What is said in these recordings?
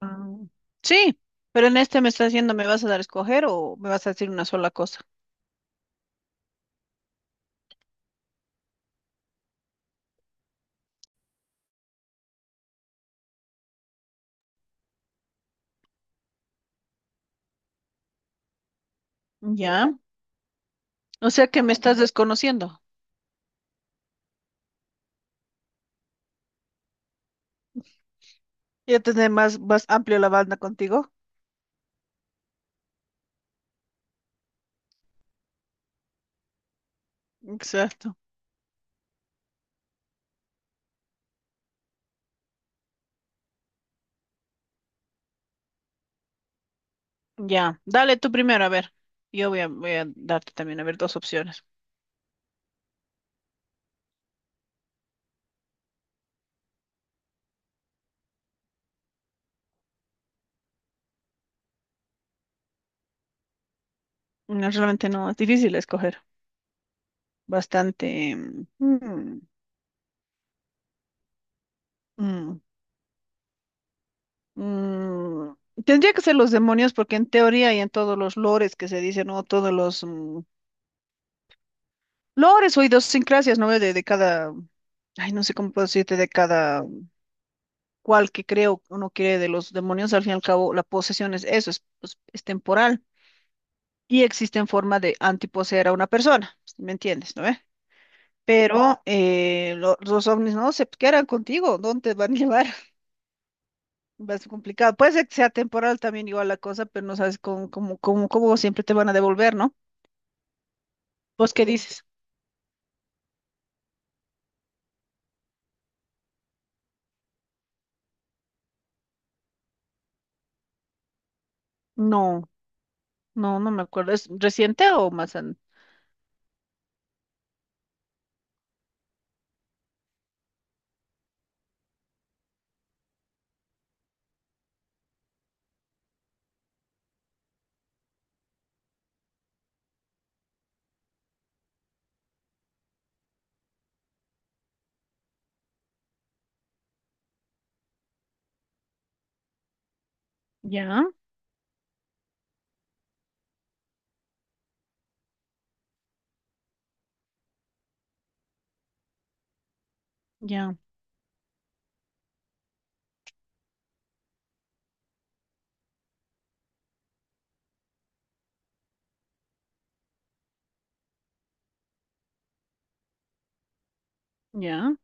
Ah, sí, pero en este me estás diciendo, ¿me vas a dar a escoger o me vas a decir una sola cosa? Ya, o sea que me estás desconociendo. Ya tener más, más amplio la banda contigo. Exacto. Ya. Dale tú primero, a ver. Voy a darte también, a ver, dos opciones. No, realmente no, es difícil escoger. Bastante. Mm. mm. Tendría que ser los demonios porque en teoría y en todos los lores que se dicen, o todos los lores o idiosincrasias, ¿no? De cada, ay, no sé cómo puedo decirte, de cada cual que creo uno quiere de los demonios, al fin y al cabo la posesión es eso, es, pues, es temporal y existe en forma de antiposeer a una persona, ¿me entiendes, no ve? Pero los ovnis no se quedan contigo, ¿dónde te van a llevar? Va a ser complicado. Puede ser que sea temporal también igual la cosa, pero no sabes cómo siempre te van a devolver, ¿no? ¿Vos qué dices? No, no, no me acuerdo. ¿Es reciente o más an- Ya, ya. Ya,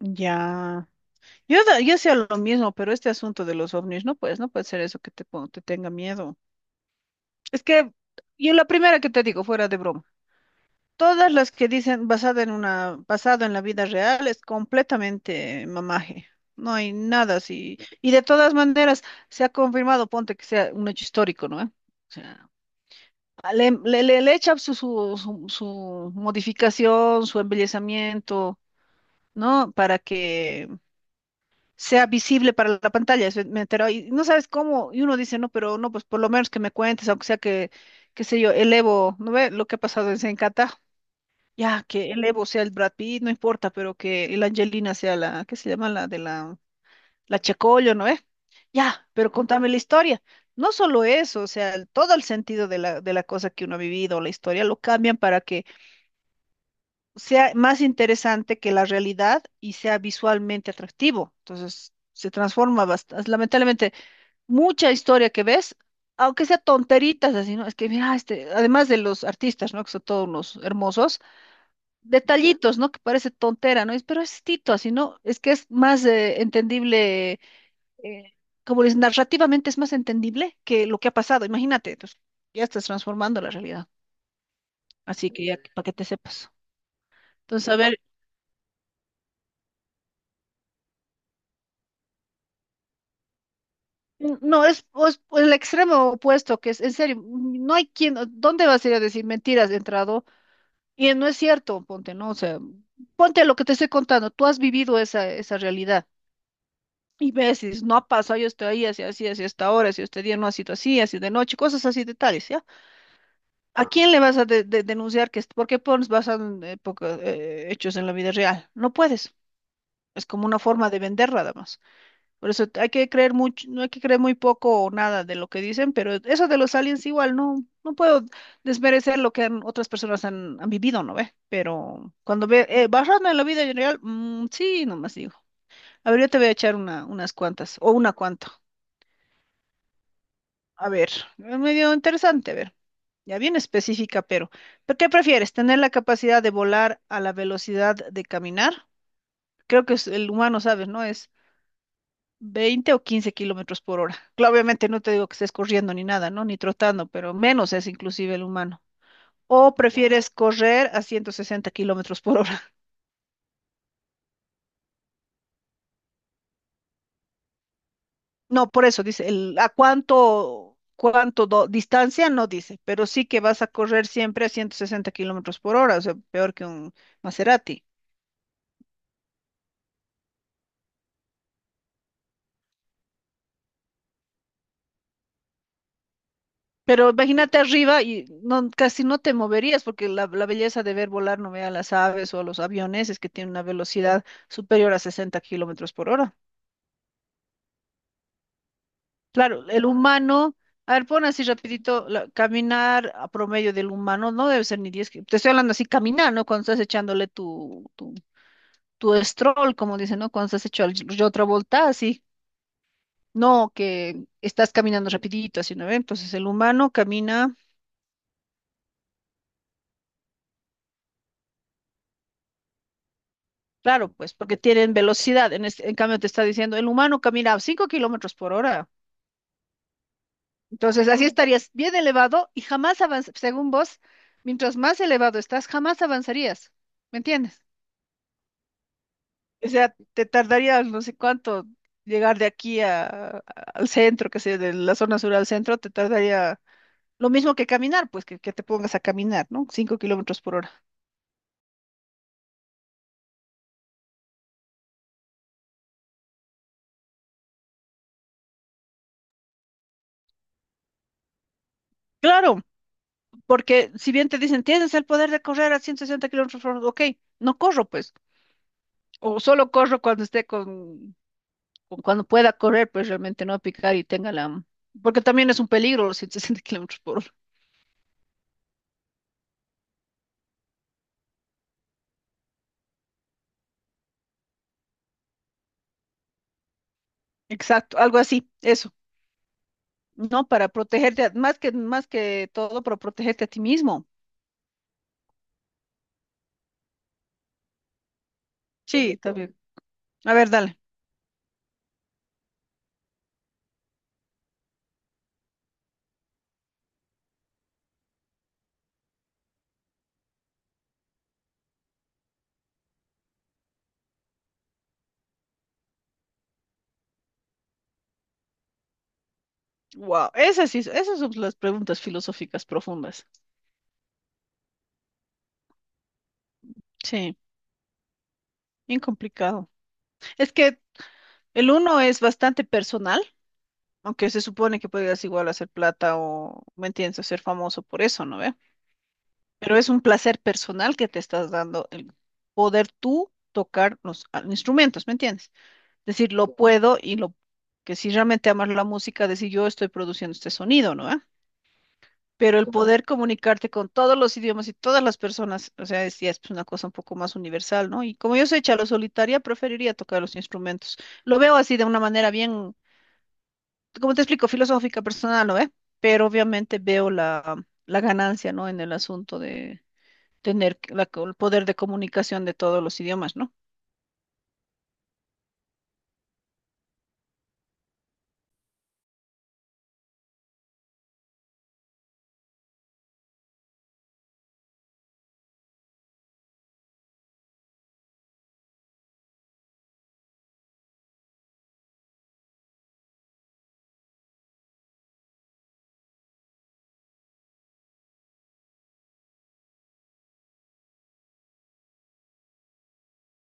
ya. Yo hacía lo mismo, pero este asunto de los ovnis, no pues, no puede ser eso que te tenga miedo. Es que yo la primera que te digo, fuera de broma, todas las que dicen basada en una, basado en la vida real es completamente mamaje. No hay nada así. Y de todas maneras, se ha confirmado, ponte que sea un hecho histórico, ¿no? ¿Eh? O sea, le echa su modificación, su embellecimiento. ¿No? Para que sea visible para la pantalla, eso me enteró, y no sabes cómo, y uno dice, no, pero no, pues por lo menos que me cuentes, aunque sea que, qué sé yo, el Evo, ¿no ve lo que ha pasado en Zencata? Ya, que el Evo sea el Brad Pitt, no importa, pero que el Angelina sea la, ¿qué se llama? La Checollo, ¿no ve? Ya, pero contame la historia. No solo eso, o sea, el- todo el sentido de de la cosa que uno ha vivido, la historia, lo cambian para que sea más interesante que la realidad y sea visualmente atractivo. Entonces, se transforma bastante. Lamentablemente, mucha historia que ves, aunque sea tonteritas así, ¿no? Es que, mira, este, además de los artistas, ¿no? Que son todos unos hermosos, detallitos, ¿no? Que parece tontera, ¿no? Es- pero es tito, así, ¿no? Es que es más entendible, eh, como les narrativamente es más entendible que lo que ha pasado. Imagínate, entonces, ya estás transformando la realidad. Así que ya, para que te sepas. Entonces, a ver, n- no, es, pues, pues, el extremo opuesto, que es, en serio, mm, no hay quien, ¿dónde vas a ir a decir mentiras de entrado? Y no es cierto, ponte, ¿no? O sea, ponte lo que te estoy contando, tú has vivido esa, esa realidad. Y ves, y dices, no ha pasado, yo estoy ahí, así, así, así, hasta ahora, si este día no ha sido así, así de noche, cosas así detalles ¿ya? ¿A quién le vas a denunciar que, es- por qué pones basado en poca- hechos en la vida real? No puedes, es como una forma de vender nada más. Por eso hay que creer mucho, no hay que creer muy poco o nada de lo que dicen, pero eso de los aliens igual, no, no puedo desmerecer lo que han- otras personas han, han vivido, ¿no ve? Pero cuando ve, basarme en la vida en real, mm, sí, nomás digo. A ver, yo te voy a echar una, unas cuantas, o una cuanta. A ver, es medio interesante, a ver. Ya bien específica, ¿pero qué prefieres? ¿Tener la capacidad de volar a la velocidad de caminar? Creo que es el humano, ¿sabes? ¿No? Es 20 o 15 kilómetros por hora. Claro, obviamente no te digo que estés corriendo ni nada, ¿no? Ni trotando, pero menos es inclusive el humano. ¿O prefieres correr a 160 kilómetros por hora? No, por eso dice, el, ¿a cuánto, cuánto do- distancia? No dice, pero sí que vas a correr siempre a 160 kilómetros por hora, o sea, peor que un Maserati. Pero imagínate arriba y no, casi no te moverías, porque la belleza de ver volar, no vea las aves o a los aviones, es que tienen una velocidad superior a 60 kilómetros por hora. Claro, el humano, a ver, pon así rapidito, la- caminar a promedio del humano no debe ser ni 10 kilómetros. Te estoy hablando así, caminar, ¿no? Cuando estás echándole tu stroll, como dicen, ¿no? Cuando estás hecho al- yo otra vuelta, así. No, que estás caminando rapidito, así, ¿no? ¿Ve? Entonces el humano camina, claro, pues, porque tienen velocidad. En, este- en cambio te está diciendo, el humano camina a 5 kilómetros por hora. Entonces así estarías bien elevado y jamás avanzas, según vos, mientras más elevado estás, jamás avanzarías. ¿Me entiendes? O sea, te tardarías no sé cuánto llegar de aquí a- al centro, que sé, de la zona sur al centro, te tardaría lo mismo que caminar, pues que te pongas a caminar, ¿no? Cinco kilómetros por hora. Claro, porque si bien te dicen, tienes el poder de correr a 160 kilómetros por hora, ok, no corro, pues. O solo corro cuando esté con- cuando pueda correr, pues realmente no a picar y tenga la... Porque también es un peligro los 160 kilómetros por hora. Exacto, algo así, eso. No, para protegerte, a- más que todo, para protegerte a ti mismo. Sí, está bien. A ver, dale. Wow, esas sí, esas son las preguntas filosóficas profundas. Sí, bien complicado. Es que el uno es bastante personal, aunque se supone que podrías igual hacer plata o, ¿me entiendes?, o ser famoso por eso, ¿no ve? Pero es un placer personal que te estás dando el poder tú tocar los ah, instrumentos, ¿me entiendes? Decir, lo puedo y lo que si realmente amas la música, decir, yo estoy produciendo este sonido, ¿no? Pero el claro, poder comunicarte con todos los idiomas y todas las personas, o sea, es, ya es pues, una cosa un poco más universal, ¿no? Y como yo soy chalo solitaria, preferiría tocar los instrumentos. Lo veo así de una manera bien, como te explico, filosófica, personal, ¿no? ¿Eh? Pero obviamente veo la, la ganancia, ¿no? En el asunto de tener la- el poder de comunicación de todos los idiomas, ¿no?